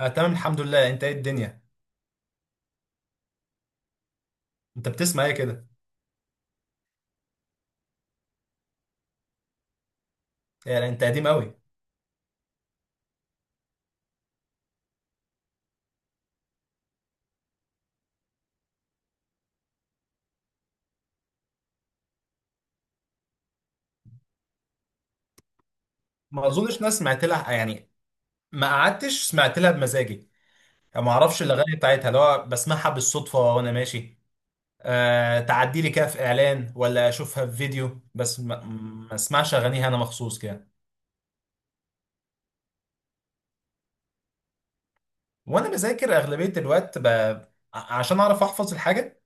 آه، تمام الحمد لله. انت ايه الدنيا؟ انت بتسمع ايه كده؟ يعني انت قديم قوي. ما اظنش ناس سمعت لها يعني. ما قعدتش سمعت لها بمزاجي. يعني ما اعرفش الاغاني بتاعتها، اللي هو بسمعها بالصدفه وانا ماشي. آه، تعدي لي كده في اعلان ولا اشوفها في فيديو، بس ما اسمعش اغانيها انا مخصوص كده. وانا بذاكر اغلبيه الوقت عشان اعرف احفظ الحاجه.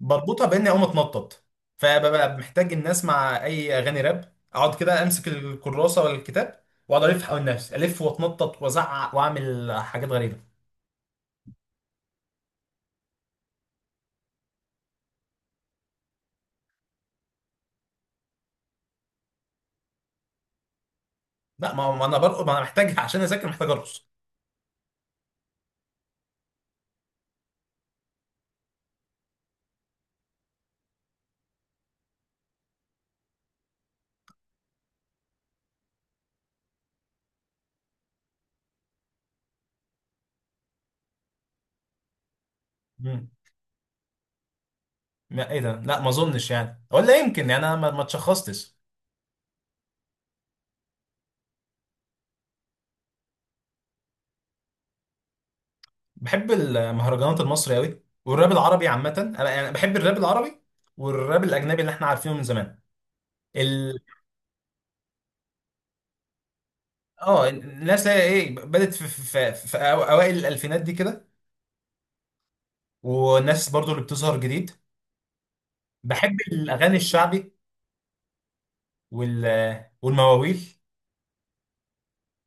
بربطها باني اقوم اتنطط. فببقى محتاج ان اسمع اي اغاني راب، اقعد كده امسك الكراسه ولا الكتاب واقعد الف حوالين نفسي الف واتنطط وازعق واعمل حاجات غريبه. لا، ما انا برقص، ما انا محتاج عشان اذاكر محتاج ارقص. مم. لا، ايه ده؟ لا ما اظنش يعني، ولا يمكن يعني، انا ما اتشخصتش. بحب المهرجانات المصري قوي والراب العربي عامه، انا يعني بحب الراب العربي. والراب الاجنبي اللي احنا عارفينه من زمان. ال... اه، الناس اللي هي ايه، بدات في, في أو- اوائل الالفينات دي كده. والناس برضو اللي بتظهر جديد. بحب الاغاني الشعبي وال والمواويل.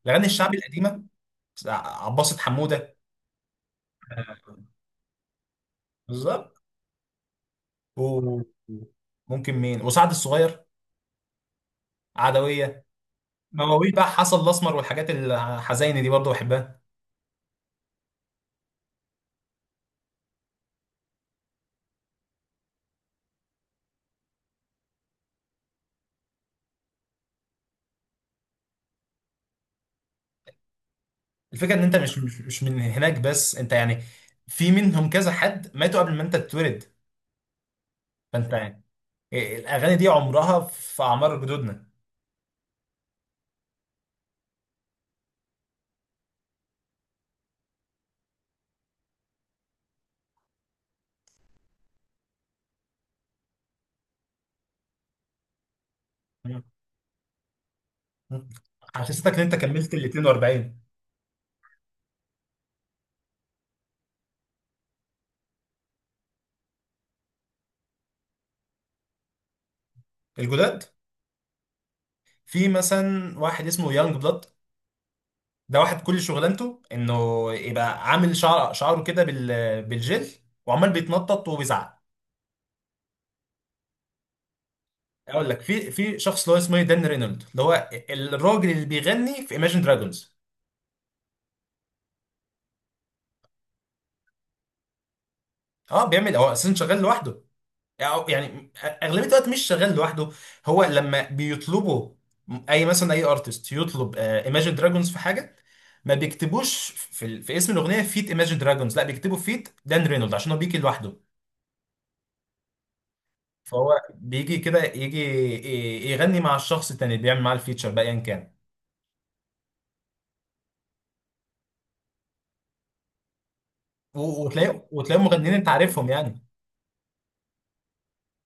الاغاني الشعبي القديمه. عباسة حموده. بالظبط. وممكن مين وسعد الصغير. عدويه. مواويل بقى حسن الاسمر والحاجات الحزينه دي برضو بحبها. الفكره ان انت مش من هناك، بس انت يعني. في منهم كذا حد ماتوا قبل ما انت تتولد. فانت يعني، الاغاني دي عمرها في اعمار جدودنا. مم. حسستك ان انت كملت ال 42؟ الجداد. في مثلا واحد اسمه يانج بلاد. ده واحد كل شغلانته انه يبقى عامل شعره كده بالجل، وعمال بيتنطط وبيزعق. اقول لك في شخص اللي هو اسمه إيه؟ دان رينولد، اللي هو الراجل اللي بيغني في ايماجن دراجونز. اه، بيعمل هو اساسا شغال لوحده. أو يعني اغلبيه الوقت مش شغال لوحده. هو لما بيطلبوا اي، مثلا اي ارتست يطلب ايماجن دراجونز في حاجه، ما بيكتبوش في اسم الاغنيه فيت ايماجن دراجونز، لا بيكتبوا فيت دان رينولد، عشان هو بيجي لوحده. فهو بيجي كده يجي يغني مع الشخص التاني اللي بيعمل معاه الفيتشر بقى، ايا كان. وتلاقي مغنيين انت عارفهم يعني،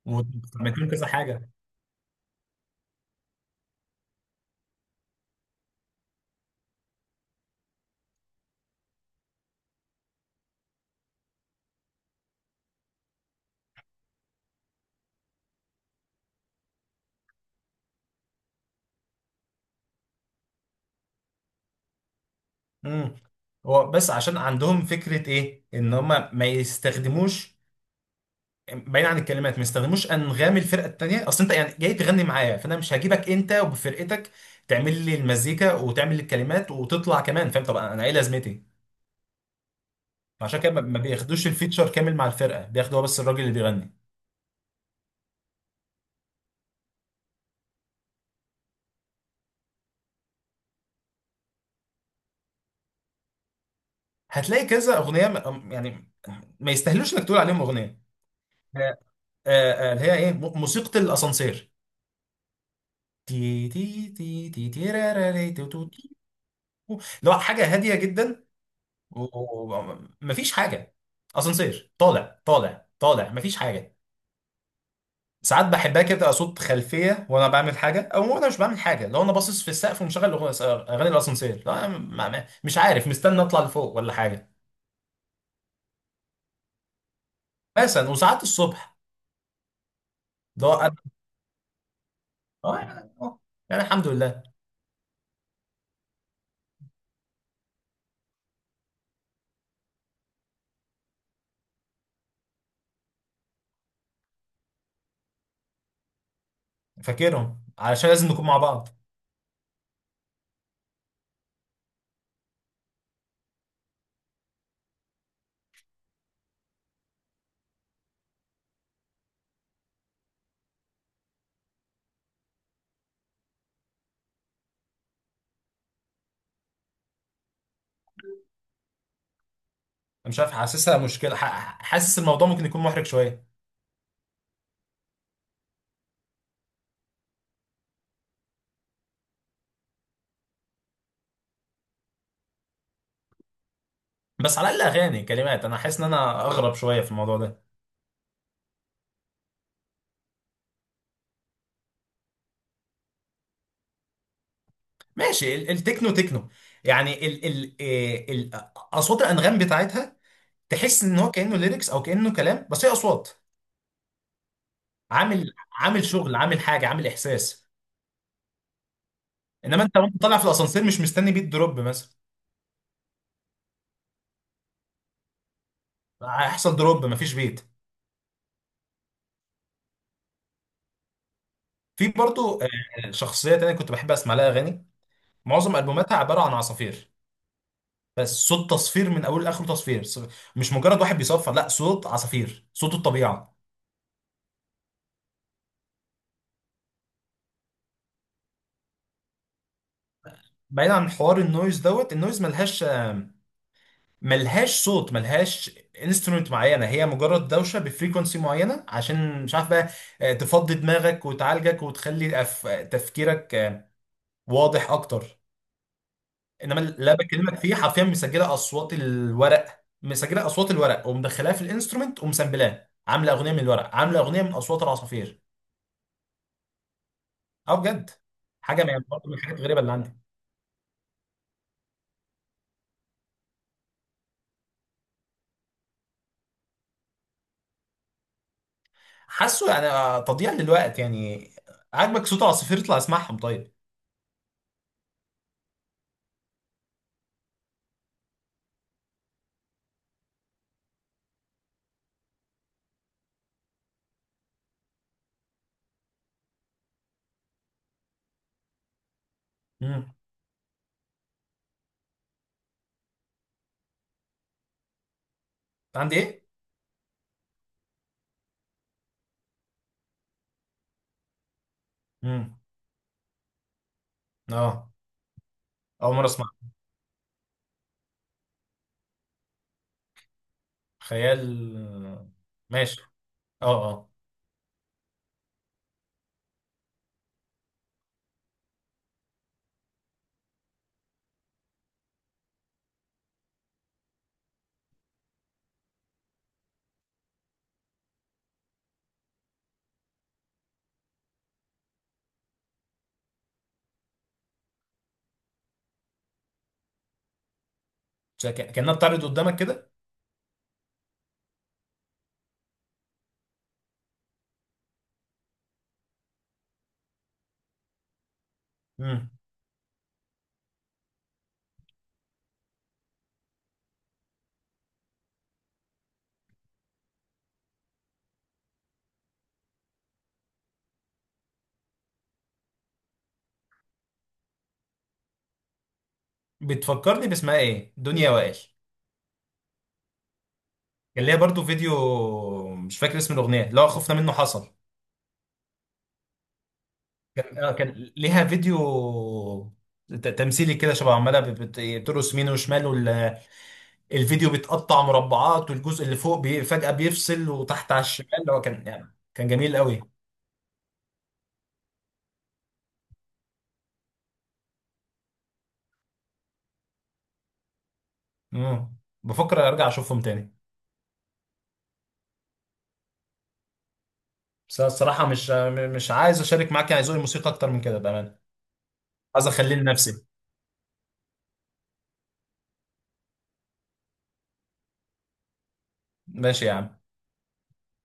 وعملتهم كذا حاجه. امم. هو بس عشان عندهم فكره ايه، ان هم ما يستخدموش، بعيد عن الكلمات، ما يستخدموش انغام الفرقه التانيه. اصل انت يعني جاي تغني معايا، فانا مش هجيبك انت وبفرقتك تعمل لي المزيكا وتعمل لي الكلمات وتطلع كمان، فاهم؟ طب انا ايه لازمتي؟ عشان كده ما بياخدوش الفيتشر كامل مع الفرقه، بياخدوا هو بس الراجل اللي بيغني. هتلاقي كذا اغنيه يعني ما يستاهلوش انك تقول عليهم اغنيه. آه، اللي هي ايه، موسيقى الاسانسير. تي تي تي تي تي را را ري تو تو تي. اللي هو حاجه هاديه جدا، ومفيش حاجه. اسانسير طالع طالع طالع، مفيش حاجه. ساعات بحبها كده، تبقى صوت خلفيه وانا بعمل حاجه، او وانا مش بعمل حاجه، لو انا باصص في السقف ومشغل اغاني الاسانسير، لا مش عارف، مستني اطلع لفوق ولا حاجه. مثلا وساعات الصبح. ده انا، آه، آه، يعني الحمد لله. فاكرهم، علشان لازم نكون مع بعض. انا مش عارف، حاسسها مشكله، حاسس الموضوع ممكن يكون محرج شويه. بس على الاقل اغاني كلمات، انا حاسس ان انا اغرب شويه في الموضوع ده. ماشي، التكنو تكنو. يعني ال ال إيه، ال آه، اصوات الانغام بتاعتها. تحس ان هو كانه ليركس او كانه كلام، بس هي اصوات. عامل شغل، عامل حاجه، عامل احساس. انما انت وانت طالع في الاسانسير مش مستني بيت دروب مثلا. هيحصل دروب مفيش بيت. في برضو شخصيه تانية كنت بحب اسمع لها اغاني. معظم البوماتها عباره عن عصافير. بس صوت تصفير من اوله لاخره، تصفير، مش مجرد واحد بيصفر، لا صوت عصافير، صوت الطبيعه. بعيد عن حوار النويز دوت، النويز ملهاش ملهاش صوت، ملهاش انسترومنت معينه، هي مجرد دوشه بفريكونسي معينه، عشان مش عارف بقى تفضي دماغك وتعالجك وتخلي تفكيرك واضح اكتر. انما اللي أنا بكلمك فيه حرفيا مسجله اصوات الورق، مسجله اصوات الورق ومدخلاها في الانسترومنت ومسامبلاه، عامله اغنيه من الورق، عامله اغنيه من اصوات العصافير. اه بجد. حاجه من برضه من الحاجات الغريبه اللي عندي. حاسه يعني تضييع للوقت يعني. عاجبك صوت عصافير اطلع اسمعهم طيب. امم. عندي ايه؟ امم. اه. اول مره اسمع. خيال. ماشي. اه، اه. كانها بتعرض قدامك كده. امم. بتفكرني باسمها ايه، دنيا وائل. كان ليها برضو فيديو، مش فاكر اسم الاغنيه، اللي هو خفنا منه حصل. كان ليها فيديو تمثيلي كده، شبه عماله بترقص يمين وشمال. الفيديو بيتقطع مربعات، والجزء اللي فوق بي فجأة بيفصل وتحت على الشمال، اللي هو كان يعني كان جميل قوي. امم. بفكر ارجع اشوفهم تاني. بس أنا الصراحة مش عايز اشارك معاك يعني ذوقي الموسيقى اكتر من كده بأمانة. عايز اخليه لنفسي. ماشي يا عم.